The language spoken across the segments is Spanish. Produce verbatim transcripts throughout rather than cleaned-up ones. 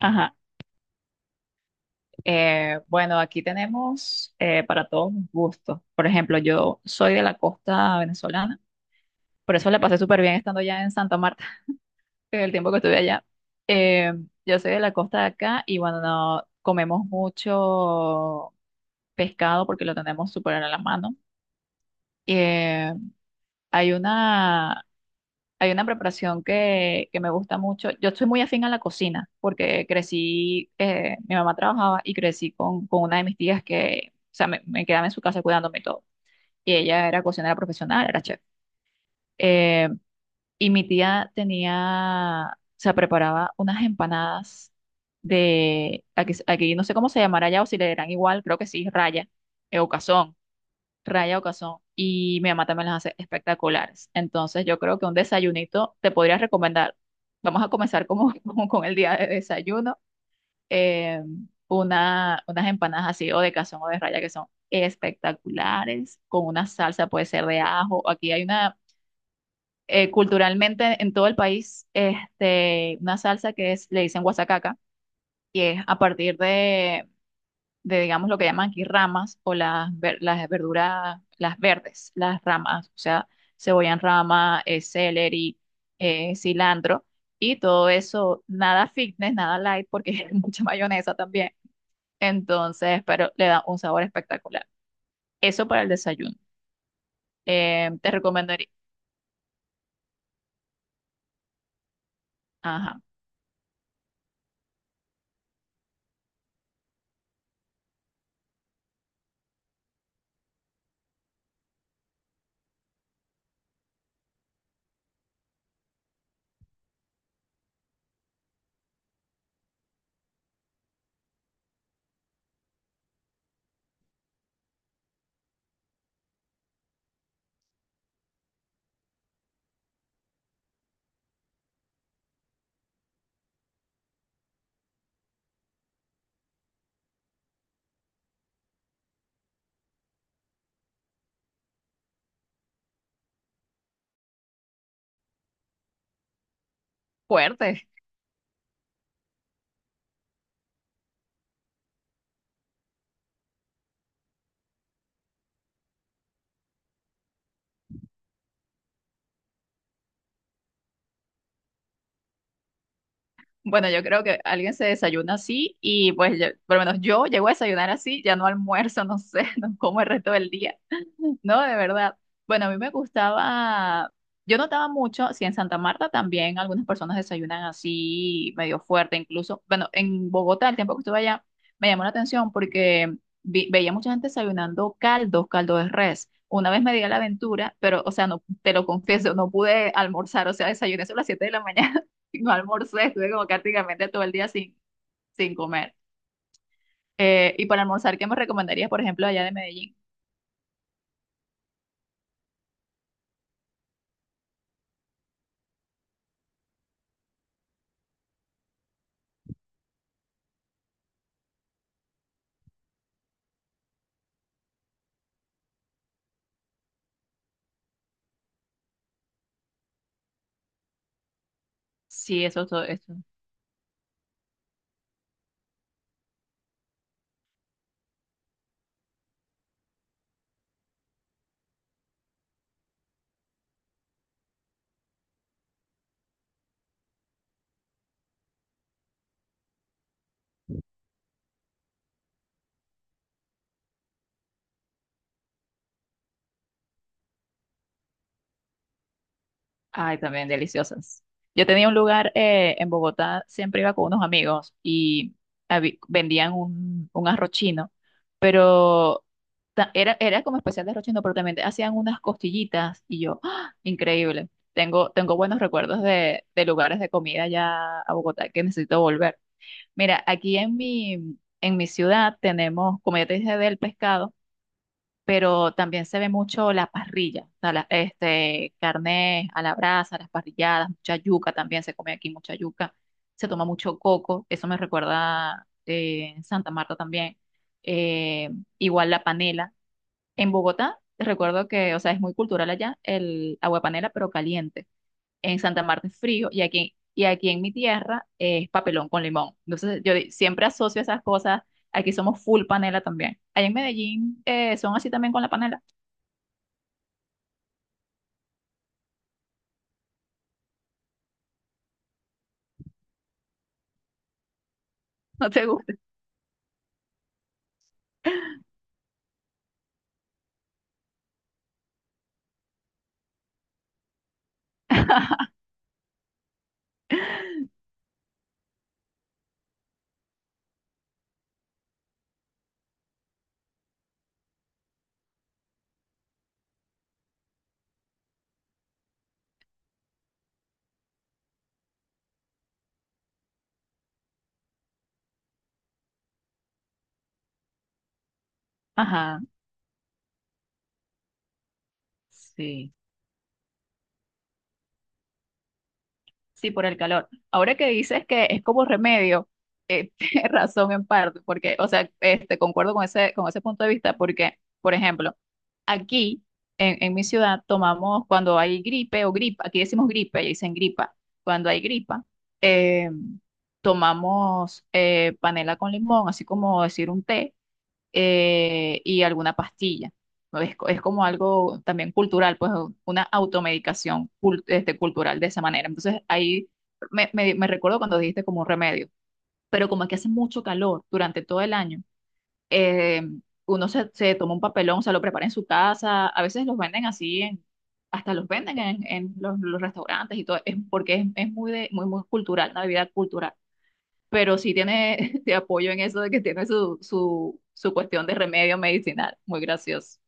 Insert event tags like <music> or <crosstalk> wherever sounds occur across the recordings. Ajá. Eh, bueno, aquí tenemos eh, para todos los gustos. Por ejemplo, yo soy de la costa venezolana, por eso la pasé súper bien estando ya en Santa Marta, <laughs> en el tiempo que estuve allá. Eh, yo soy de la costa de acá y bueno, no- comemos mucho pescado porque lo tenemos súper a la mano. Eh, hay una Hay una preparación que, que me gusta mucho. Yo estoy muy afín a la cocina porque crecí, eh, mi mamá trabajaba y crecí con, con una de mis tías que, o sea, me, me quedaba en su casa cuidándome y todo. Y ella era cocinera profesional, era chef. Eh, y mi tía tenía, o sea, preparaba unas empanadas de, aquí, aquí no sé cómo se llamará allá o si le dirán igual, creo que sí, raya, eh, o cazón, raya o cazón, y mi mamá también las hace espectaculares. Entonces yo creo que un desayunito te podría recomendar. Vamos a comenzar como, <laughs> como con el día de desayuno. eh, una, unas empanadas así o de cazón o de raya, que son espectaculares, con una salsa, puede ser de ajo. Aquí hay una, eh, culturalmente en todo el país, este, una salsa que es, le dicen guasacaca, que es a partir de de, digamos, lo que llaman aquí ramas o las, ver- las verduras, las verdes, las ramas, o sea, cebolla en rama, eh, celery, eh, cilantro y todo eso, nada fitness, nada light, porque <laughs> es mucha mayonesa también. Entonces, pero le da un sabor espectacular. Eso para el desayuno. Eh, te recomendaría, ajá, fuerte, <laughs> bueno, yo creo que alguien se desayuna así y pues yo- por lo menos yo llego a desayunar así, ya no almuerzo, no sé, <laughs> no como el resto del día. <laughs> No, de verdad. Bueno, a mí me gustaba, yo notaba mucho, si en Santa Marta también algunas personas desayunan así medio fuerte, incluso, bueno, en Bogotá, el tiempo que estuve allá, me llamó la atención porque vi- veía mucha gente desayunando caldos, caldo de res. Una vez me di a la aventura, pero, o sea, no, te lo confieso, no pude almorzar, o sea, desayuné solo a las siete de la mañana. <laughs> No almorcé, estuve como prácticamente todo el día sin, sin, comer. Eh, y para almorzar, ¿qué me recomendarías, por ejemplo, allá de Medellín? Sí, eso, eso, eso. Ay, también deliciosas. Yo tenía un lugar, eh, en Bogotá, siempre iba con unos amigos y habi- vendían un, un arroz chino, pero ta- era, era como especial de arroz chino, pero también hacían unas costillitas y yo, ¡ah!, increíble. Tengo, tengo buenos recuerdos de, de lugares de comida allá, a Bogotá, que necesito volver. Mira, aquí en mi, en mi ciudad tenemos, como ya te dije, del pescado, pero también se ve mucho la parrilla, o sea, la- este, carne a la brasa, las parrilladas, mucha yuca también se come aquí, mucha yuca, se toma mucho coco, eso me recuerda, eh, en Santa Marta también, eh, igual la panela. En Bogotá, recuerdo que, o sea, es muy cultural allá el agua de panela, pero caliente; en Santa Marta es frío, y aquí, y aquí, en mi tierra es papelón con limón. Entonces yo di- siempre asocio esas cosas. Aquí somos full panela también. Allá en Medellín, eh, son así también con la panela. <laughs> ¿No te gusta? Ajá, sí, sí, por el calor. Ahora que dices que es como remedio, eh, <laughs> tienes razón en parte, porque, o sea, este, concuerdo con ese, con ese, punto de vista, porque, por ejemplo, aquí, en, en mi ciudad, tomamos cuando hay gripe o gripa, aquí decimos gripe, y dicen gripa, cuando hay gripa, eh, tomamos, eh, panela con limón, así como decir un té, eh, y alguna pastilla. ¿No? Es, co- es como algo también cultural, pues una automedicación, cul- este, cultural de esa manera. Entonces ahí me, me, me recuerdo cuando dijiste como un remedio, pero como aquí hace mucho calor durante todo el año, eh, uno se, se, toma un papelón, se lo prepara en su casa, a veces los venden así, en- hasta los venden en, en, los, los restaurantes y todo, es porque es, es muy, de, muy, muy cultural, una bebida cultural. Pero sí tiene, <laughs> te apoyo en eso de que tiene su, su, su, cuestión de remedio medicinal, muy gracioso.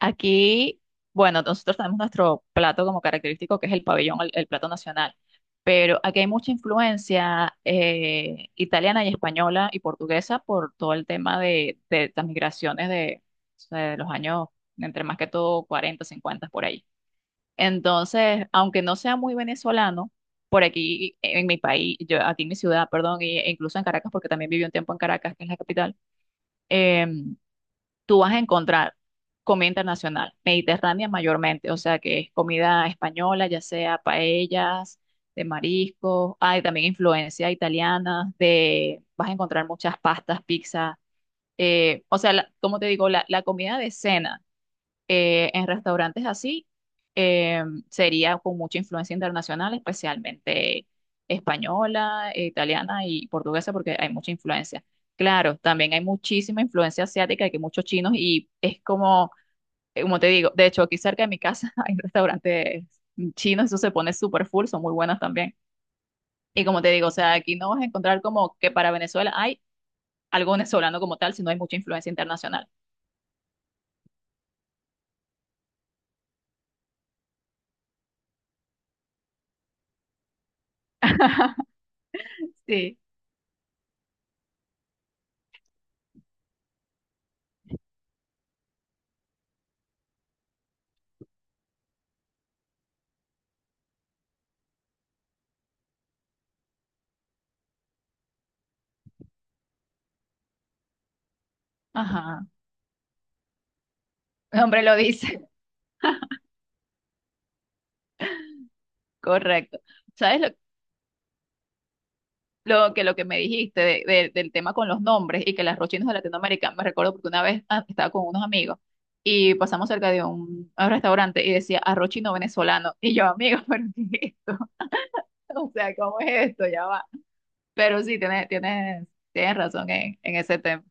Aquí, bueno, nosotros tenemos nuestro plato como característico, que es el pabellón, el, el, plato nacional, pero aquí hay mucha influencia, eh, italiana y española y portuguesa, por todo el tema de, de las migraciones de, o sea, de los años, entre más que todo cuarenta, cincuenta, por ahí. Entonces, aunque no sea muy venezolano, por aquí en mi país, yo, aquí en mi ciudad, perdón, y- e incluso en Caracas, porque también viví un tiempo en Caracas, que es la capital. em, Tú vas a encontrar comida internacional, mediterránea mayormente, o sea que es comida española, ya sea paellas, de mariscos; hay también influencia italiana, de, vas a encontrar muchas pastas, pizza, eh, o sea, la- como te digo, la, la comida de cena, eh, en restaurantes así, eh, sería con mucha influencia internacional, especialmente española, eh, italiana y portuguesa, porque hay mucha influencia. Claro, también hay muchísima influencia asiática, que muchos chinos, y es como, eh, como te digo, de hecho aquí cerca de mi casa <laughs> hay restaurantes chinos, eso se pone súper full, son muy buenos también. Y como te digo, o sea, aquí no vas a encontrar como que para Venezuela hay algo venezolano como tal, sino hay mucha influencia internacional. Sí. Ajá, <laughs> el hombre lo dice, <laughs> correcto. ¿Sabes lo, lo que lo que me dijiste de- de- del tema con los nombres y que las rochinos de Latinoamérica? Me recuerdo porque una vez, ah, estaba con unos amigos y pasamos cerca de un, un restaurante y decía arrochino venezolano. Y yo, amigo, <laughs> ¿pero qué es esto? <laughs> O sea, ¿cómo es esto? Ya va. Pero sí, tienes, tienes, tienes, razón en, en ese tema.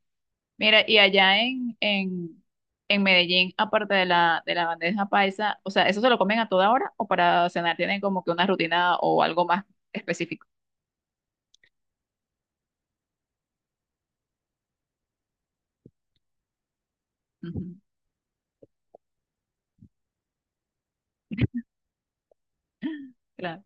Mira, y allá en, en, en, Medellín, aparte de la, de la bandeja paisa, o sea, ¿eso se lo comen a toda hora o para cenar tienen como que una rutina o algo más específico? Ujú, claro.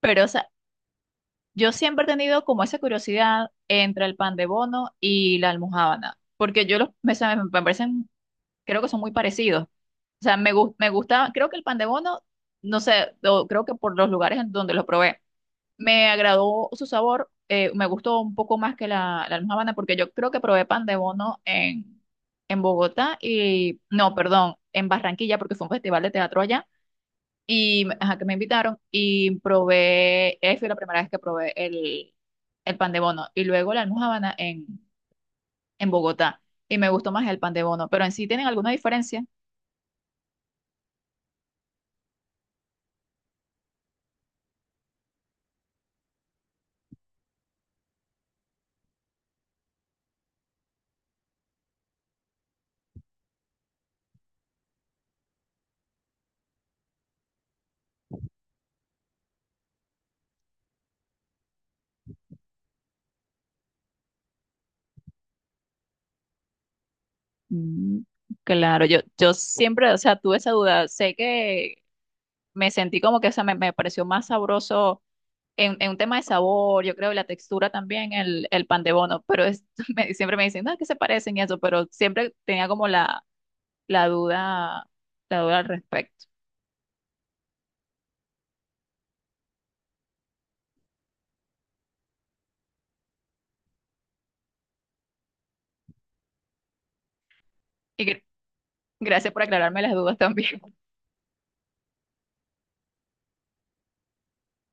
Pero, o sea, yo siempre he tenido como esa curiosidad entre el pan de bono y la almojábana, porque yo los, me, sabe- me parecen, creo que son muy parecidos. O sea, me, gus- me gusta, creo que el pan de bono, no sé, o creo que por los lugares en donde lo probé. Me agradó su sabor, eh, me gustó un poco más que la, la, almojábana, porque yo creo que probé pan de bono en, en Bogotá y, no, perdón, en Barranquilla, porque fue un festival de teatro allá y ajá, que me invitaron y probé, eh, fue la primera vez que probé el, el, pan de bono, y luego la almojábana en, en Bogotá, y me gustó más el pan de bono, pero en sí tienen alguna diferencia. Mm, claro, yo, yo siempre, o sea, tuve esa duda, sé que me sentí como que, o sea, me me pareció más sabroso en, en, un tema de sabor, yo creo, y la textura también, el, el pan de bono, pero es- <laughs> me- siempre me dicen, no, que se parecen y eso, pero siempre tenía como la, la, duda, la duda al respecto. Y gr- gracias por aclararme las dudas también.